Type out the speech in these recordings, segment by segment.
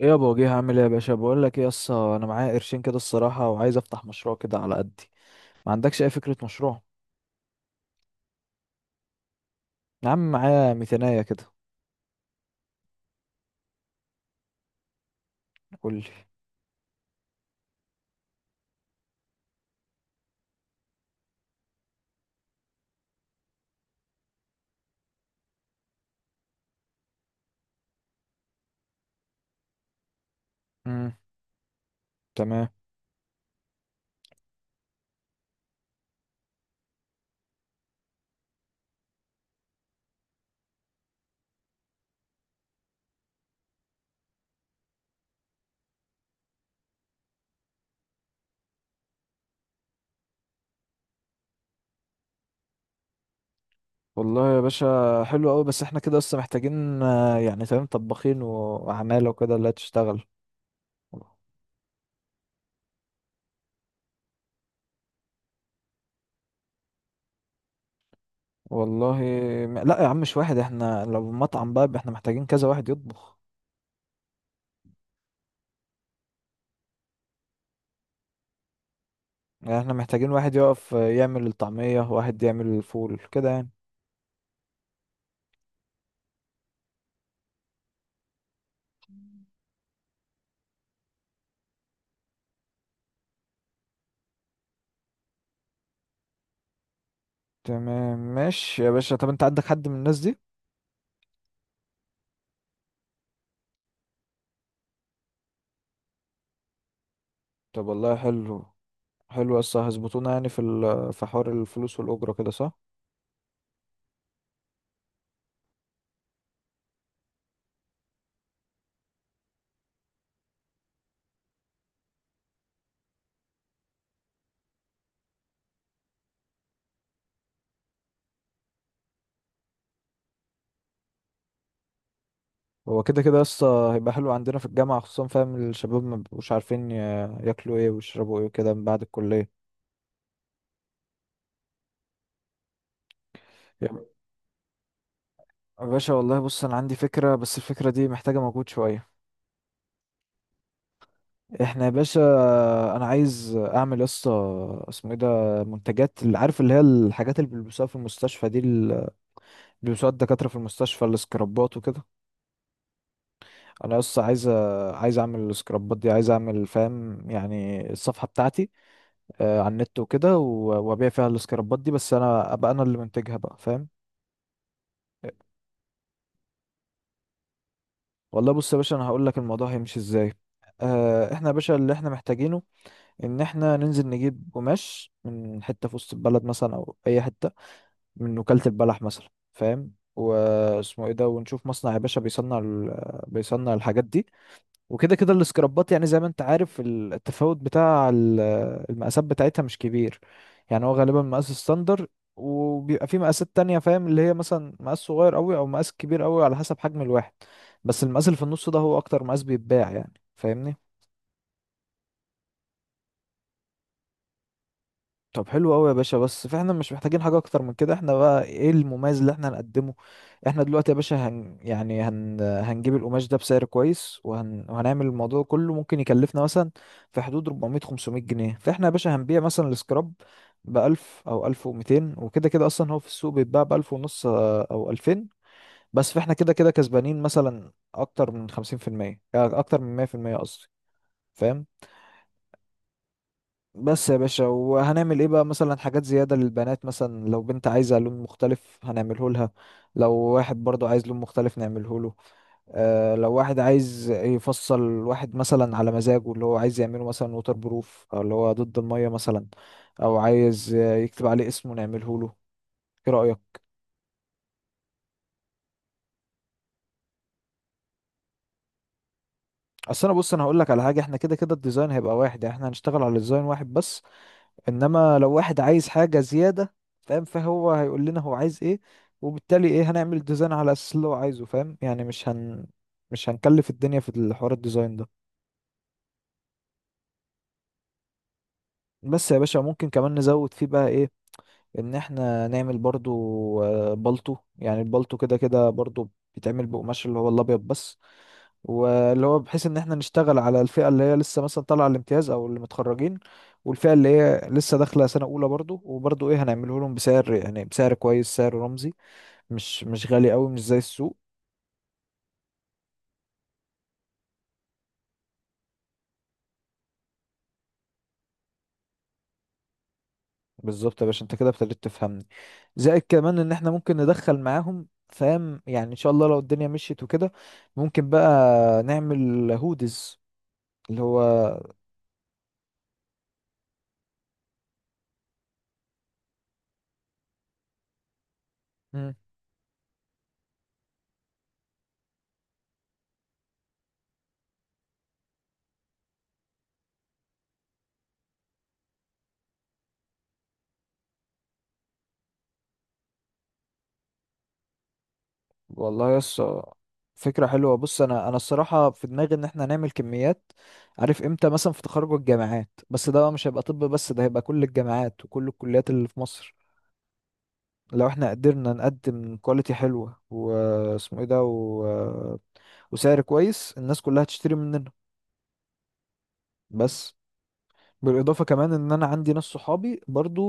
ايه يا ابو وجيه؟ هعمل ايه يا باشا؟ بقول لك ايه يسا، انا معايا قرشين كده الصراحه وعايز افتح مشروع كده على قدي. ما عندكش اي فكره مشروع؟ يا عم معايا ميتينية كده. قول لي. امم. تمام. والله يا باشا حلو قوي، بس احنا كده لسه محتاجين يعني تمام طباخين وعماله وكده اللي هتشتغل. والله. لا يا عم مش واحد، احنا لو مطعم بقى احنا محتاجين كذا واحد يطبخ. يعني احنا محتاجين واحد يقف يعمل الطعميه، واحد يعمل الفول كده يعني. تمام ماشي يا باشا، طب انت عندك حد من الناس دي؟ طب والله حلو. حلو، لسه هيظبطونا يعني في حوار الفلوس والأجرة كده، صح؟ هو كده كده لسه هيبقى حلو عندنا في الجامعة خصوصا، فاهم؟ الشباب ما بيبقوش عارفين ياكلوا ايه ويشربوا ايه كده من بعد الكلية. يا يا باشا والله بص انا عندي فكرة، بس الفكرة دي محتاجة مجهود شوية. احنا يا باشا، انا عايز اعمل لسه، اسمه ايه ده، منتجات، اللي عارف اللي هي الحاجات اللي بيلبسوها في المستشفى دي، اللي بيلبسوها الدكاترة في المستشفى، السكرابات وكده. انا بس عايز، عايز اعمل السكرابات دي، عايز اعمل فاهم يعني الصفحه بتاعتي على النت وكده وابيع فيها السكرابات دي، بس انا ابقى انا اللي منتجها بقى، فاهم؟ والله بص يا باشا، انا هقول لك الموضوع هيمشي ازاي. احنا يا باشا اللي احنا محتاجينه ان احنا ننزل نجيب قماش من حته في وسط البلد مثلا او اي حته من وكاله البلح مثلا، فاهم، واسمه ايه ده، ونشوف مصنع يا باشا بيصنع بيصنع الحاجات دي. وكده كده السكرابات، يعني زي ما انت عارف التفاوت بتاع المقاسات بتاعتها مش كبير. يعني هو غالبا مقاس ستاندر، وبيبقى في مقاسات تانية، فاهم، اللي هي مثلا مقاس صغير قوي او مقاس كبير قوي على حسب حجم الواحد. بس المقاس اللي في النص ده هو اكتر مقاس بيتباع، يعني فاهمني. طب حلو قوي يا باشا، بس فاحنا مش محتاجين حاجة اكتر من كده. احنا بقى ايه المميز اللي احنا هنقدمه؟ احنا دلوقتي يا باشا هن يعني هن هنجيب القماش ده بسعر كويس وهنعمل الموضوع كله، ممكن يكلفنا مثلا في حدود 400 500 جنيه. فاحنا يا باشا هنبيع مثلا السكراب ب 1000 او 1200، وكده كده اصلا هو في السوق بيتباع ب 1000 ونص او 2000. بس فاحنا كده كده كسبانين مثلا اكتر من 50%، اكتر من 100% قصدي، فاهم؟ بس يا باشا، وهنعمل ايه بقى؟ مثلا حاجات زيادة للبنات، مثلا لو بنت عايزة لون مختلف هنعمله لها، لو واحد برضو عايز لون مختلف نعمله له. آه، لو واحد عايز يفصل واحد مثلا على مزاجه، اللي هو عايز يعمله مثلا ووتر بروف او اللي هو ضد المية مثلا، او عايز يكتب عليه اسمه نعمله له. ايه رأيك؟ اصل انا بص، انا هقول لك على حاجة. احنا كده كده الديزاين هيبقى واحد، يعني احنا هنشتغل على ديزاين واحد بس. انما لو واحد عايز حاجة زيادة، فاهم، فهو هيقول لنا هو عايز ايه، وبالتالي ايه هنعمل ديزاين على اساس اللي هو عايزه، فاهم يعني. مش هنكلف الدنيا في الحوار الديزاين ده. بس يا باشا، ممكن كمان نزود فيه بقى ايه؟ ان احنا نعمل برضو بالطو، يعني البالطو كده كده برضو بيتعمل بقماش اللي هو الابيض بس. واللي هو بحيث ان احنا نشتغل على الفئة اللي هي لسه مثلا طالعة الامتياز او اللي متخرجين، والفئة اللي هي لسه داخلة سنة أولى برضو. وبرضو إيه، هنعمله لهم بسعر يعني بسعر كويس، سعر رمزي، مش غالي قوي، مش زي السوق. بالظبط يا باشا، انت كده ابتديت تفهمني. زائد كمان ان احنا ممكن ندخل معاهم، فاهم يعني، ان شاء الله لو الدنيا مشيت وكده، ممكن بقى نعمل هودز اللي هو. مم. والله يس، فكرة حلوة. بص انا الصراحة في دماغي ان احنا نعمل كميات، عارف امتى؟ مثلا في تخرج الجامعات، بس ده بقى مش هيبقى طب بس، ده هيبقى كل الجامعات وكل الكليات اللي في مصر. لو احنا قدرنا نقدم كواليتي حلوة، واسمه ايه ده، وسعر كويس، الناس كلها هتشتري مننا بس. بالاضافه كمان ان انا عندي ناس صحابي برضو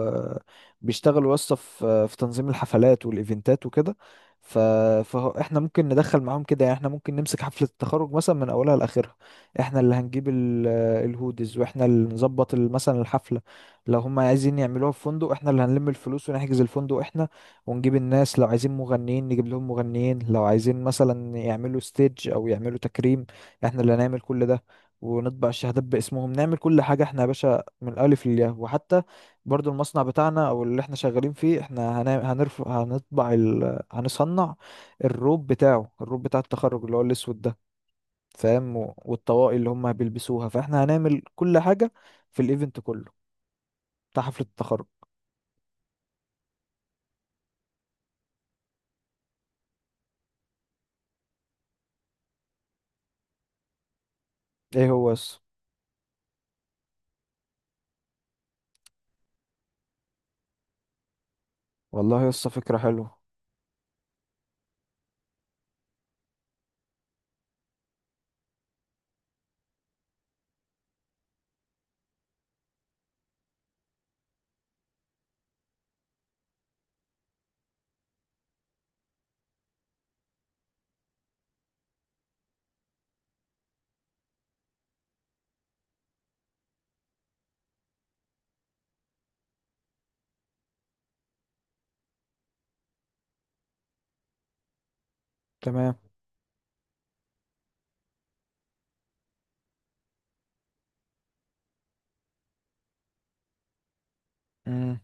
آه، بيشتغلوا يسطا في في تنظيم الحفلات والايفنتات وكده. ف... فاحنا ممكن ندخل معاهم كده، يعني احنا ممكن نمسك حفله التخرج مثلا من اولها لاخرها. احنا اللي هنجيب الهودز، واحنا اللي نظبط مثلا الحفله. لو هم عايزين يعملوها في فندق، احنا اللي هنلم الفلوس ونحجز الفندق احنا، ونجيب الناس. لو عايزين مغنيين نجيب لهم مغنيين، لو عايزين مثلا يعملوا ستيج او يعملوا تكريم، احنا اللي هنعمل كل ده، ونطبع الشهادات باسمهم، نعمل كل حاجة احنا يا باشا من الألف للياء. وحتى برضو المصنع بتاعنا أو اللي احنا شغالين فيه، احنا هنعمل، هنرفع، هنطبع هنصنع الروب بتاعه، الروب بتاع التخرج اللي هو الأسود ده، فاهم، والطواقي اللي هم بيلبسوها. فاحنا هنعمل كل حاجة في الإيفنت كله بتاع حفلة التخرج. ايه هو يس؟ والله يس فكرة حلوة. تمام. مم.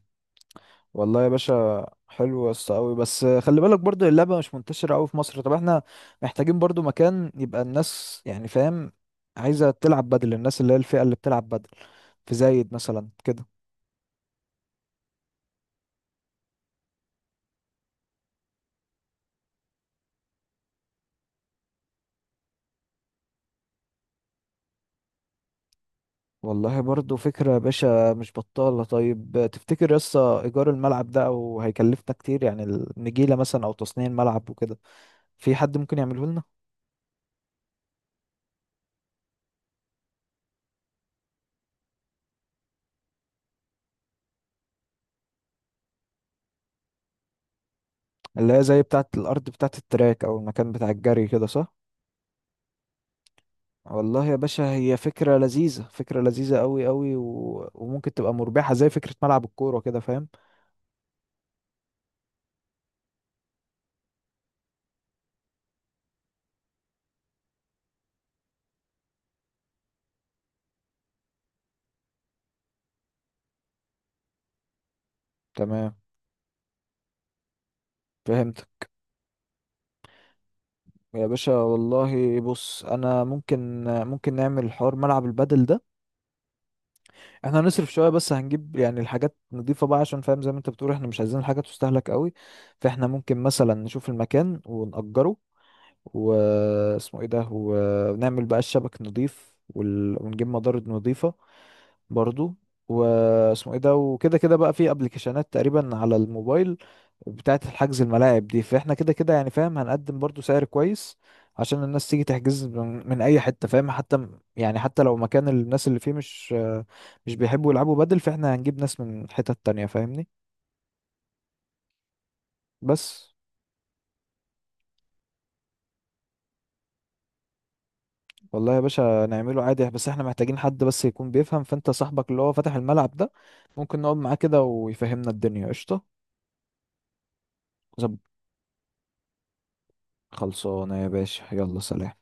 والله يا باشا حلو يا اسطى قوي، بس خلي بالك برضو اللعبه مش منتشره قوي في مصر. طب احنا محتاجين برضو مكان يبقى الناس يعني، فاهم، عايزه تلعب بدل، الناس اللي هي الفئه اللي بتلعب بدل، في زايد مثلا كده. والله برضو فكره يا باشا مش بطاله. طيب تفتكر يا اسطى ايجار الملعب ده او هيكلفنا كتير؟ يعني النجيله مثلا او تصنيع الملعب وكده، في حد ممكن يعمله لنا؟ اللي هي زي بتاعه الارض بتاعه التراك او المكان بتاع الجري كده، صح؟ والله يا باشا هي فكرة لذيذة، فكرة لذيذة قوي قوي، وممكن تبقى مربحة زي فكرة ملعب الكورة كده، فاهم؟ تمام، فهمتك. يا باشا والله بص، انا ممكن، ممكن نعمل حوار ملعب البدل ده. احنا هنصرف شوية، بس هنجيب يعني الحاجات نضيفة بقى، عشان فاهم زي ما انت بتقول احنا مش عايزين الحاجة تستهلك قوي. فاحنا ممكن مثلا نشوف المكان ونأجره، واسمه ايه ده، ونعمل بقى الشبك نضيف ونجيب مضارب نضيفة برضو، واسمه ايه ده. وكده كده بقى في ابلكيشنات تقريبا على الموبايل بتاعة الحجز الملاعب دي، فاحنا كده كده يعني فاهم هنقدم برضو سعر كويس عشان الناس تيجي تحجز من اي حتة، فاهم؟ حتى يعني حتى لو مكان الناس اللي فيه مش بيحبوا يلعبوا بدل، فاحنا هنجيب ناس من حتت تانية، فاهمني؟ بس. والله يا باشا نعمله عادي، بس احنا محتاجين حد بس يكون بيفهم. فانت صاحبك اللي هو فاتح الملعب ده، ممكن نقعد معاه كده ويفهمنا الدنيا، قشطة؟ زب. خلصانة يا باشا، يلا سلام.